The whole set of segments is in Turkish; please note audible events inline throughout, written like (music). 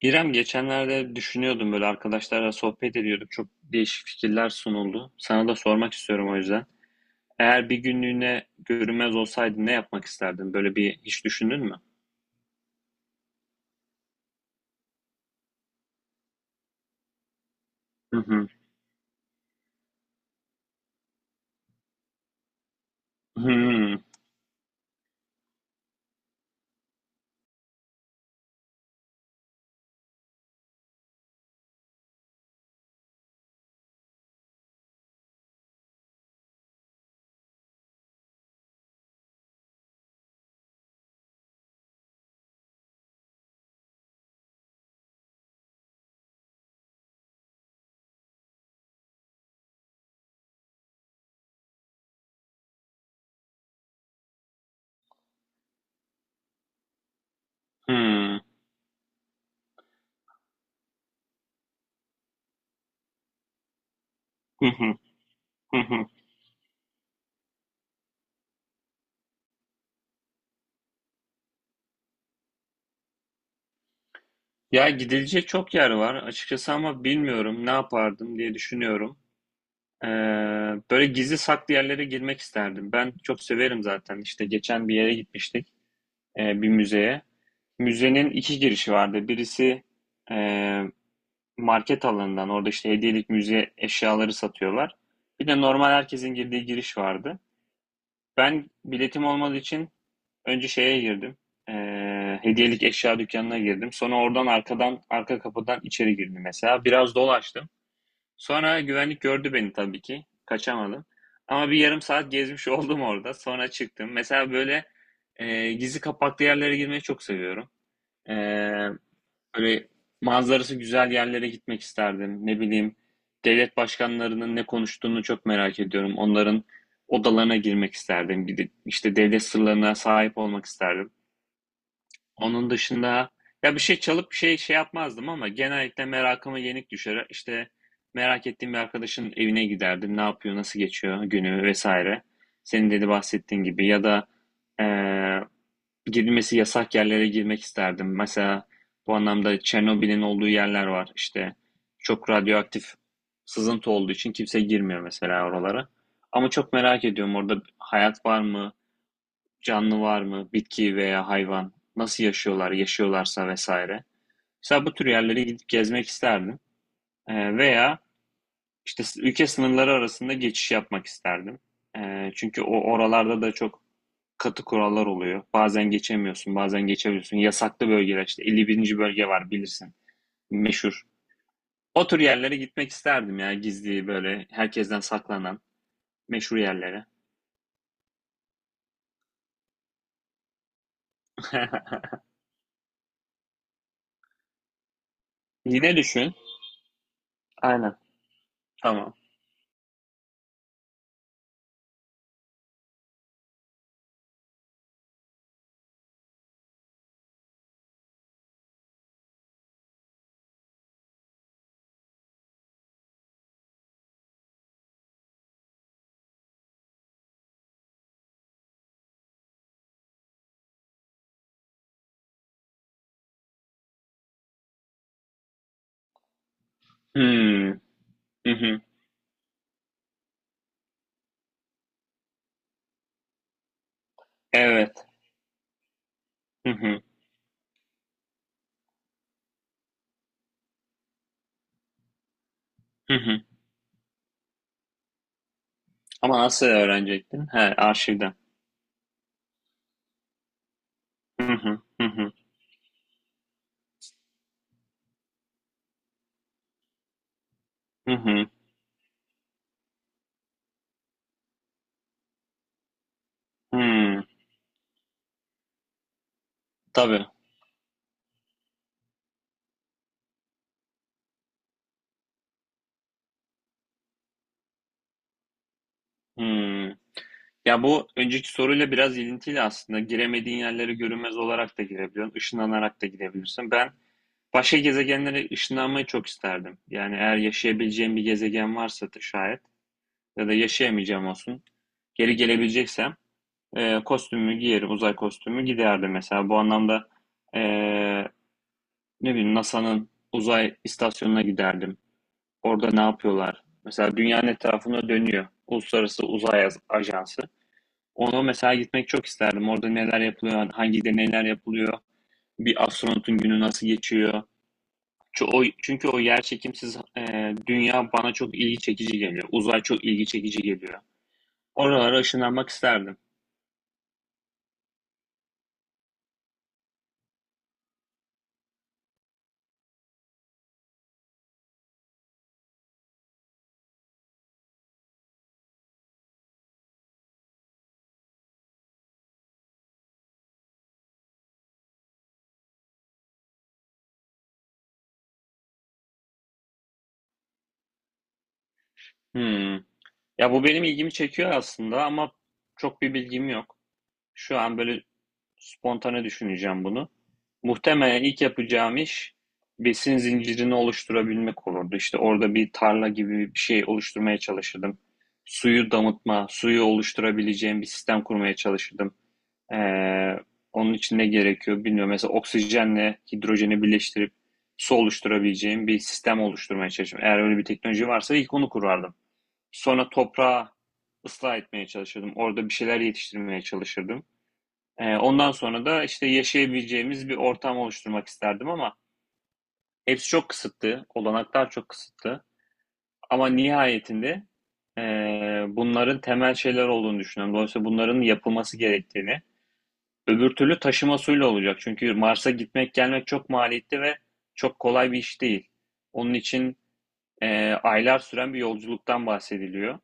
İrem, geçenlerde düşünüyordum, böyle arkadaşlarla sohbet ediyorduk. Çok değişik fikirler sunuldu. Sana da sormak istiyorum o yüzden. Eğer bir günlüğüne görünmez olsaydın ne yapmak isterdin? Böyle bir hiç düşündün mü? Hı hı. Hı hı. Hı hı. Hı hı. Ya gidilecek çok yer var açıkçası ama bilmiyorum ne yapardım diye düşünüyorum. Ee, Böyle gizli saklı yerlere girmek isterdim. Ben çok severim zaten. İşte geçen bir yere gitmiştik, bir müzeye. Müzenin iki girişi vardı. Birisi eee, market alanından, orada işte hediyelik müze eşyaları satıyorlar. Bir de normal herkesin girdiği giriş vardı. Ben biletim olmadığı için önce şeye girdim. Hediyelik eşya dükkanına girdim. Sonra oradan arkadan, arka kapıdan içeri girdim mesela. Biraz dolaştım. Sonra güvenlik gördü beni tabii ki. Kaçamadım. Ama bir yarım saat gezmiş (laughs) oldum orada. Sonra çıktım. Mesela böyle gizli kapaklı yerlere girmeyi çok seviyorum. Eee Böyle manzarası güzel yerlere gitmek isterdim. Ne bileyim, devlet başkanlarının ne konuştuğunu çok merak ediyorum. Onların odalarına girmek isterdim. Gidip işte devlet sırlarına sahip olmak isterdim. Onun dışında ya bir şey çalıp bir şey yapmazdım ama genellikle merakıma yenik düşer. İşte merak ettiğim bir arkadaşın evine giderdim. Ne yapıyor, nasıl geçiyor günü vesaire. Senin dedi bahsettiğin gibi ya da eee girilmesi yasak yerlere girmek isterdim. Mesela bu anlamda Çernobil'in olduğu yerler var. İşte çok radyoaktif sızıntı olduğu için kimse girmiyor mesela oralara. Ama çok merak ediyorum, orada hayat var mı? Canlı var mı, bitki veya hayvan, nasıl yaşıyorlar, yaşıyorlarsa vesaire. Mesela bu tür yerlere gidip gezmek isterdim. Veya işte ülke sınırları arasında geçiş yapmak isterdim. Çünkü o oralarda da çok katı kurallar oluyor. Bazen geçemiyorsun, bazen geçebiliyorsun. Yasaklı bölgeler işte 51. bölge var bilirsin. Meşhur. O tür yerlere gitmek isterdim, ya gizli böyle herkesten saklanan meşhur yerlere. (laughs) Yine düşün. Aynen. Tamam. Hmm. Hı hı. Evet. Hı hı. Hı hı. Ama nasıl öğrenecektin? He, arşivden. Hı hı. Hı hı. Hı hı. Hıı. Tabii. Hıı. Ya, bu önceki soruyla biraz ilintili aslında. Giremediğin yerlere görünmez olarak da girebiliyorsun, ışınlanarak da gidebilirsin. Ben başka gezegenlere ışınlanmayı çok isterdim. Yani eğer yaşayabileceğim bir gezegen varsa da şayet ya da yaşayamayacağım olsun, geri gelebileceksem, kostümümü giyerim, uzay kostümü giderdim mesela. Bu anlamda, eee, ne bileyim NASA'nın uzay istasyonuna giderdim. Orada ne yapıyorlar? Mesela dünyanın etrafında dönüyor. Uluslararası Uzay Ajansı. Ona mesela gitmek çok isterdim. Orada neler yapılıyor, hangi deneyler yapılıyor, bir astronotun günü nasıl geçiyor. Çünkü o, çünkü yer çekimsiz dünya bana çok ilgi çekici geliyor. Uzay çok ilgi çekici geliyor. Oralara ışınlanmak isterdim. Hmm. Ya bu benim ilgimi çekiyor aslında ama çok bir bilgim yok. Şu an böyle spontane düşüneceğim bunu. Muhtemelen ilk yapacağım iş besin zincirini oluşturabilmek olurdu. İşte orada bir tarla gibi bir şey oluşturmaya çalışırdım. Suyu damıtma, suyu oluşturabileceğim bir sistem kurmaya çalışırdım. Ee, Onun için ne gerekiyor bilmiyorum. Mesela oksijenle hidrojeni birleştirip su oluşturabileceğim bir sistem oluşturmaya çalışırdım. Eğer öyle bir teknoloji varsa ilk onu kurardım. Sonra toprağı ıslah etmeye çalışırdım. Orada bir şeyler yetiştirmeye çalışırdım. Ondan sonra da işte yaşayabileceğimiz bir ortam oluşturmak isterdim ama hepsi çok kısıtlı, olanaklar çok kısıtlı. Ama nihayetinde bunların temel şeyler olduğunu düşünüyorum. Dolayısıyla bunların yapılması gerektiğini. Öbür türlü taşıma suyla olacak. Çünkü Mars'a gitmek gelmek çok maliyetli ve çok kolay bir iş değil. Onun için aylar süren bir yolculuktan bahsediliyor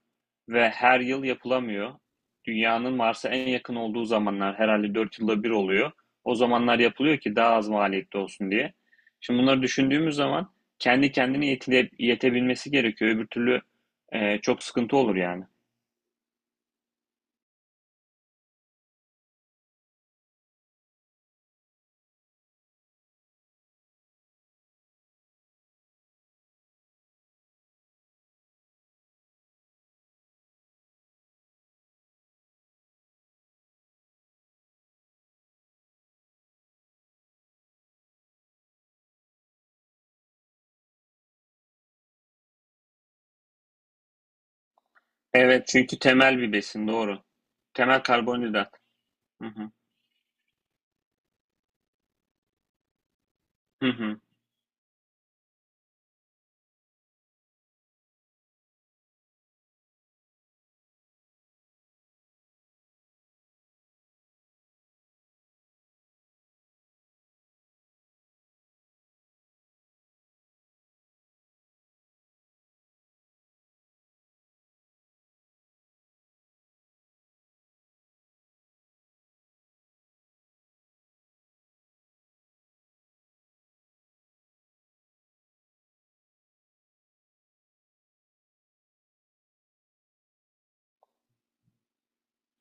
ve her yıl yapılamıyor. Dünyanın Mars'a en yakın olduğu zamanlar herhalde 4 yılda bir oluyor. O zamanlar yapılıyor ki daha az maliyetli olsun diye. Şimdi bunları düşündüğümüz zaman kendi kendine yetebilmesi gerekiyor. Öbür türlü çok sıkıntı olur yani. Evet, çünkü temel bir besin, doğru. Temel karbonhidrat. Hı hı. Hı hı.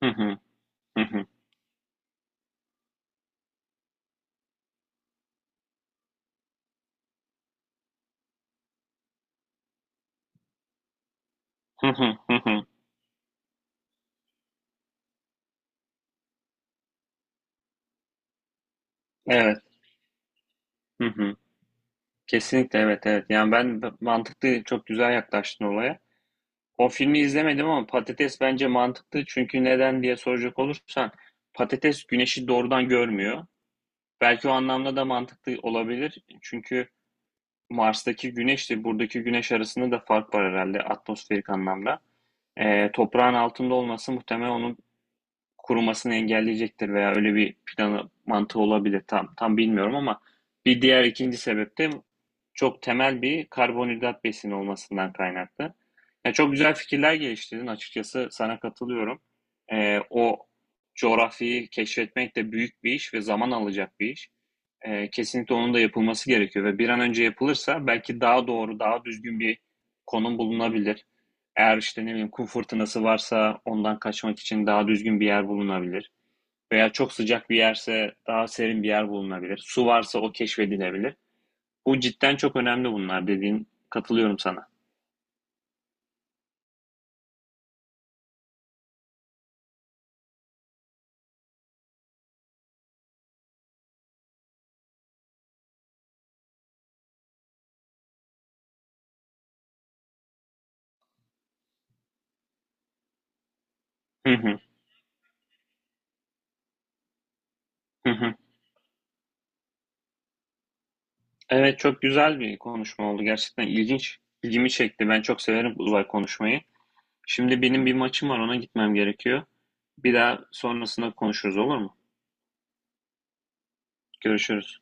Hı hı. Hı hı. Hı hı. Hı hı. Evet. Hı hı. Kesinlikle, evet evet. Yani mantıklı çok güzel yaklaştın olaya. O filmi izlemedim ama patates bence mantıklı. Çünkü neden diye soracak olursan patates güneşi doğrudan görmüyor. Belki o anlamda da mantıklı olabilir. Çünkü Mars'taki güneşle buradaki güneş arasında da fark var herhalde atmosferik anlamda. Toprağın altında olması muhtemelen onun kurumasını engelleyecektir veya öyle bir planı, mantığı olabilir. Tam bilmiyorum ama bir diğer ikinci sebep de çok temel bir karbonhidrat besini olmasından kaynaklı. Yani çok güzel fikirler geliştirdin, açıkçası sana katılıyorum. O coğrafyayı keşfetmek de büyük bir iş ve zaman alacak bir iş. Kesinlikle onun da yapılması gerekiyor ve bir an önce yapılırsa belki daha doğru, daha düzgün bir konum bulunabilir. Eğer işte ne bileyim kum fırtınası varsa ondan kaçmak için daha düzgün bir yer bulunabilir. Veya çok sıcak bir yerse daha serin bir yer bulunabilir. Su varsa o keşfedilebilir. Bu cidden çok önemli bunlar dediğin. Katılıyorum sana. Hı hı, hı hı. Evet, çok güzel bir konuşma oldu. Gerçekten ilginç. İlgimi çekti. Ben çok severim uzay konuşmayı. Şimdi benim bir maçım var, ona gitmem gerekiyor. Bir daha sonrasında konuşuruz, olur mu? Görüşürüz.